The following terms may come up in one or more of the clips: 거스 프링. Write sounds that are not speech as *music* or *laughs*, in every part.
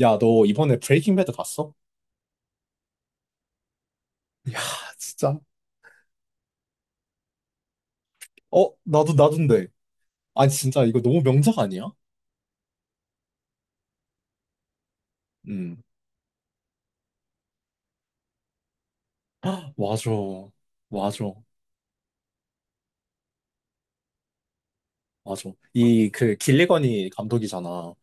야, 너 이번에 브레이킹 배드 봤어? 야, 진짜. 어, 나도인데. 아니, 진짜 이거 너무 명작 아니야? 음. *gasps* 헉, 맞아. 맞아. 맞아. 이, 그, 길리건이 감독이잖아.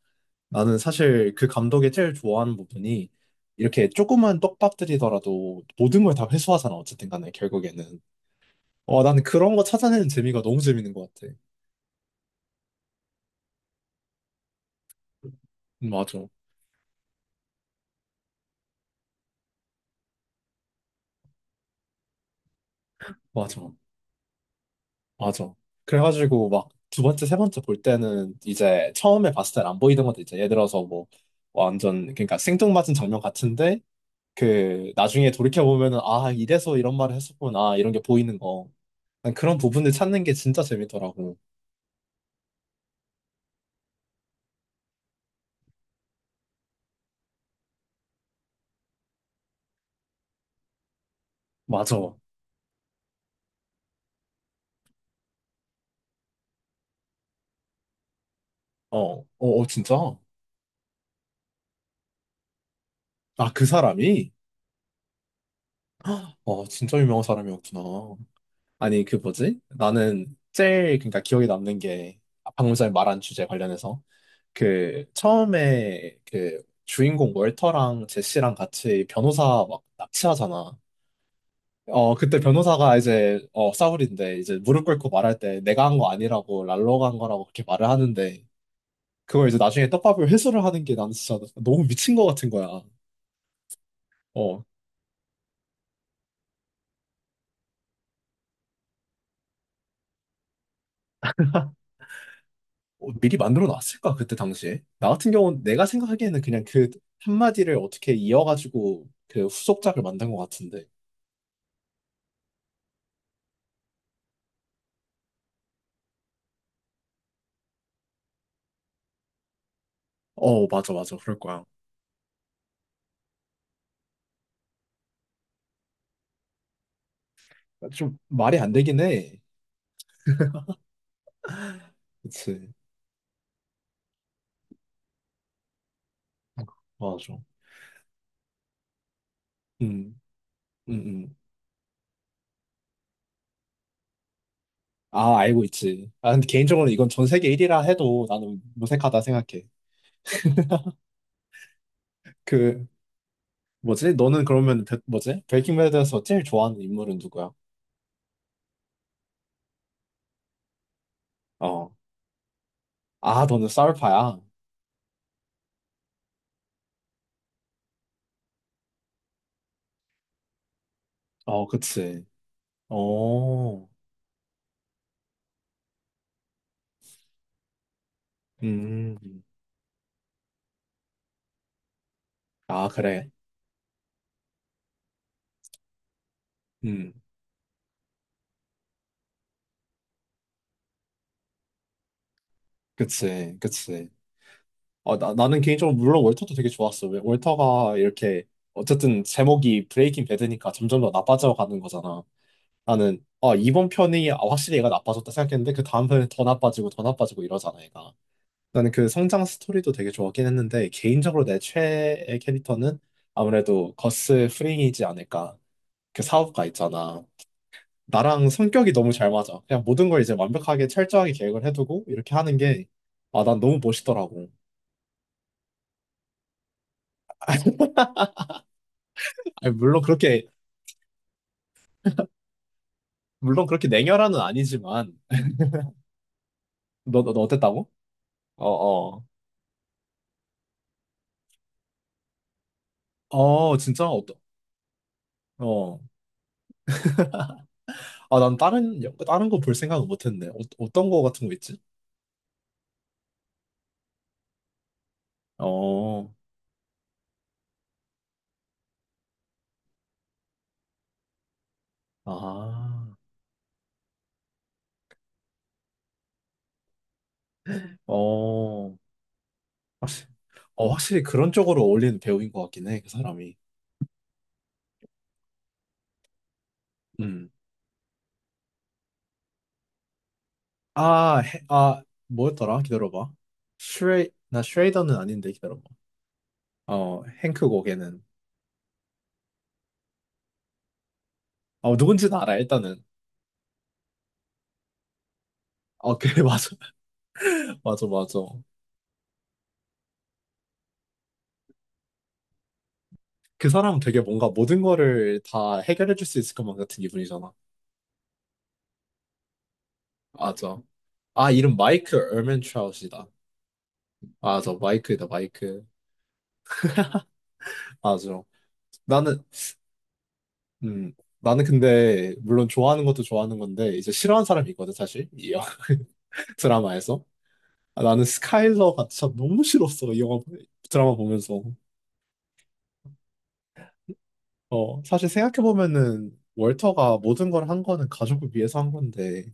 나는 사실 그 감독의 제일 좋아하는 부분이 이렇게 조그만 떡밥들이더라도 모든 걸 다 회수하잖아. 어쨌든 간에, 결국에는. 와, 나는 그런 거 찾아내는 재미가 너무 재밌는 것 같아. 맞아. 맞아. 맞아. 그래가지고 막 두 번째, 세 번째 볼 때는 이제 처음에 봤을 땐 안 보이던 것도 있잖아. 예를 들어서 뭐 완전 그러니까 생뚱맞은 장면 같은데 그 나중에 돌이켜 보면은 아 이래서 이런 말을 했었구나 이런 게 보이는 거. 난 그런 부분을 찾는 게 진짜 재밌더라고. 맞아. 어, 어, 어, 진짜? 아, 그 사람이? 어, 진짜 유명한 사람이었구나. 아니, 그 뭐지? 나는 제일, 그러니까 기억에 남는 게 방금 전에 말한 주제 관련해서 그 처음에 그 주인공 월터랑 제시랑 같이 변호사 막 납치하잖아. 어 그때 변호사가 이제 사울인데 이제 무릎 꿇고 말할 때 내가 한 거 아니라고 랄로가 한 거라고 그렇게 말을 하는데 그걸 이제 나중에 떡밥을 회수를 하는 게 나는 진짜 너무 미친 거 같은 거야. 어 어, 미리 만들어 놨을까 그때 당시에? 나 같은 경우는 내가 생각하기에는 그냥 그 한마디를 어떻게 이어가지고 그 후속작을 만든 것 같은데. 어 맞아 맞아 그럴 거야. 좀 말이 안 되긴 해. 그치. 맞아. 음, 음, 음. 아, 알고 있지. 아, 근데 개인적으로 이건 전 세계 1위라 해도 나는 무색하다 생각해. 그, 뭐지? 너는 그러면, 뭐지? 브레이킹배드에서 제일 좋아하는 인물은 누구야? 어. 아, 너는 사울파야. 어, 그치. 어, 음. 아, 그래. 음, 그치, 그치. 어, 나는 개인적으로 물론 월터도 되게 좋았어. 왜 월터가 이렇게, 어쨌든 제목이 브레이킹 배드니까 점점 더 나빠져 가는 거잖아. 나는 아 이번 편이 아, 확실히 얘가 나빠졌다 생각했는데 그 다음 편이 더 나빠지고 더 나빠지고 이러잖아 얘가 나는 그 성장 스토리도 되게 좋았긴 했는데 개인적으로 내 최애 캐릭터는 아무래도 거스 프링이지 않을까 그 사업가 있잖아 나랑 성격이 너무 잘 맞아 그냥 모든 걸 이제 완벽하게 철저하게 계획을 해두고 이렇게 하는 게 아 난 너무 멋있더라고 *laughs* 아니, 물론 그렇게 냉혈한은 아니지만 너 어땠다고? 어 어 어, 어. 어, 진짜 어떠 어 아, 난 다른, 다른 거 볼 생각은 못 했네. 어, 어떤 거 같은 거 있지? 어, 아, 어, 확실히, 어, 확실히 그런 쪽으로 어울리는 배우인 것 같긴 해, 그 사람이. 음, 아, 아, 뭐였더라? 기다려봐. 나 슈레이더는 아닌데, 기다려봐. 어, 행크 고게는. 어, 누군지는 알아, 일단은. 어, 그래, *laughs* 맞아. 맞아, 맞아. 그 사람 되게 뭔가 모든 거를 다 해결해 줄 수 있을 것만 같은 기분이잖아. 맞아. 아, 이름 마이크 얼맨트라웃이다. 아 저 마이크이다, 마이크. 맞아. 나는, 음, 나는 근데, 물론 좋아하는 것도 좋아하는 건데, 이제 싫어하는 사람이 있거든, 사실. 이 영화 *laughs* 드라마에서. 아, 나는 스카일러가 진짜 너무 싫었어, 이 영화, 드라마 보면서. 어, 사실 생각해보면은, 월터가 모든 걸 한 거는 가족을 위해서 한 건데,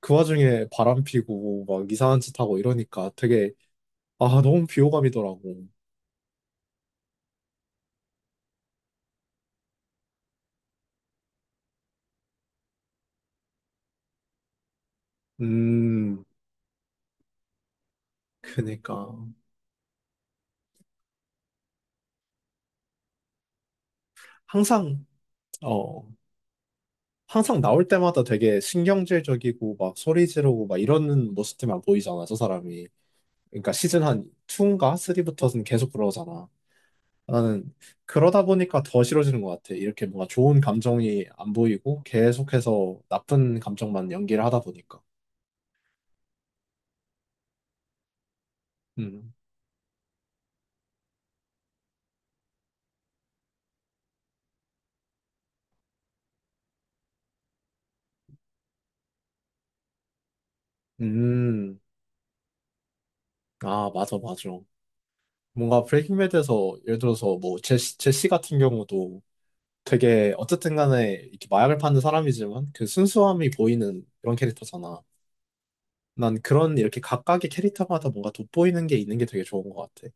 그 와중에 바람 피고, 막 이상한 짓 하고 이러니까 되게, 아, 너무 비호감이더라고. 음, 그니까. 항상, 어. 항상 나올 때마다 되게 신경질적이고 막 소리 지르고 막 이러는 모습들만 보이잖아, 저 사람이. 그러니까 시즌 한 2인가 3부터는 계속 그러잖아. 나는 그러다 보니까 더 싫어지는 것 같아. 이렇게 뭔가 좋은 감정이 안 보이고 계속해서 나쁜 감정만 연기를 하다 보니까. 음. 음. 아, 맞아, 맞아. 뭔가 브레이킹 배드에서 예를 들어서 뭐 제시 같은 경우도 되게 어쨌든 간에 이렇게 마약을 파는 사람이지만 그 순수함이 보이는 그런 캐릭터잖아. 난 그런 이렇게 각각의 캐릭터마다 뭔가 돋보이는 게 있는 게 되게 좋은 것 같아.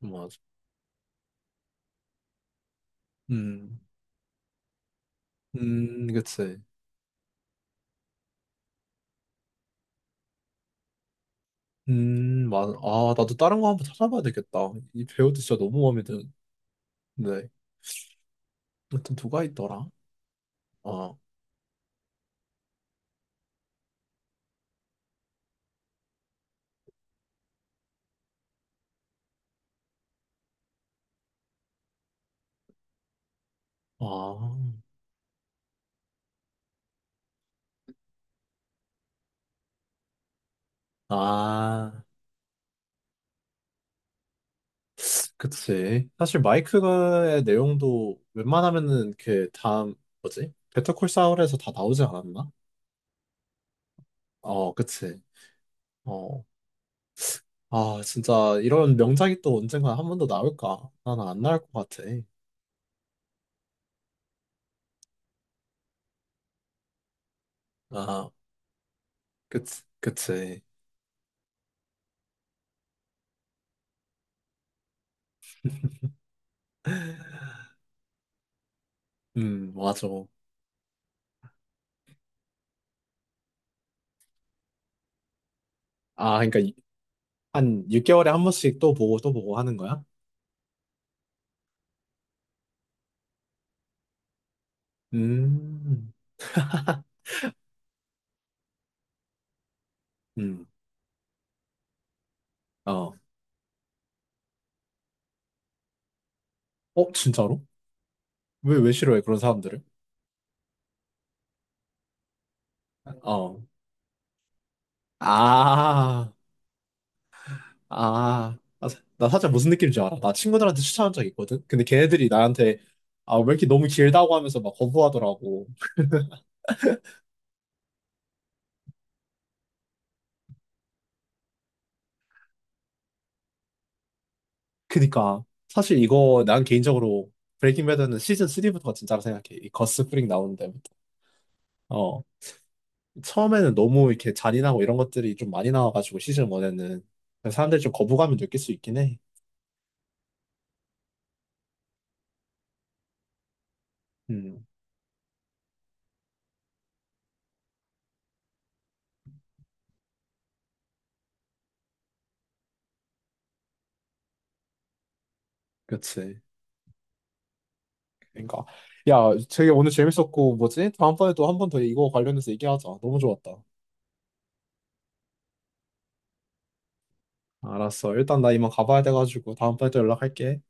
맞아. 음, 그치. 맞아. 아, 나도 다른 거 한번 찾아봐야 되겠다. 이 배우도 진짜 너무 마음에 드는데. 아무튼 누가 있더라? 어, 아, 아, 그치. 사실 마이크의 내용도 웬만하면은 이렇게 다음, 뭐지? 베터콜 사울에서 다 나오지 않았나? 어, 그치. 어. 아, 진짜 이런 명작이 또 언젠가 한 번 더 나올까? 나는 안 나올 것 같아. 아, 그치, 그치. *laughs* 맞아. 아, 그러니까 한 6개월에 한 번씩 또 보고 또 보고 하는 거야? 음, 음, 어. 어, 진짜로? 왜, 왜 싫어해, 그런 사람들을? 어. 아, 아. 나 살짝 무슨 느낌인지 알아. 나 친구들한테 추천한 적 있거든? 근데 걔네들이 나한테, 아, 왜 이렇게 너무 길다고 하면서 막 거부하더라고. 그니까. 사실 이거 난 개인적으로 브레이킹 배드는 시즌 3부터가 진짜로 생각해. 이 거스 프링 나오는 데부터. 어 처음에는 너무 이렇게 잔인하고 이런 것들이 좀 많이 나와가지고 시즌 원에는 사람들이 좀 거부감을 느낄 수 있긴 해. 음, 그치. 그러니까 야, 되게 오늘 재밌었고 뭐지? 다음번에 또 한 번 더 이거 관련해서 얘기하자. 너무 좋았다. 알았어. 일단 나 이만 가봐야 돼가지고 다음번에 또 연락할게.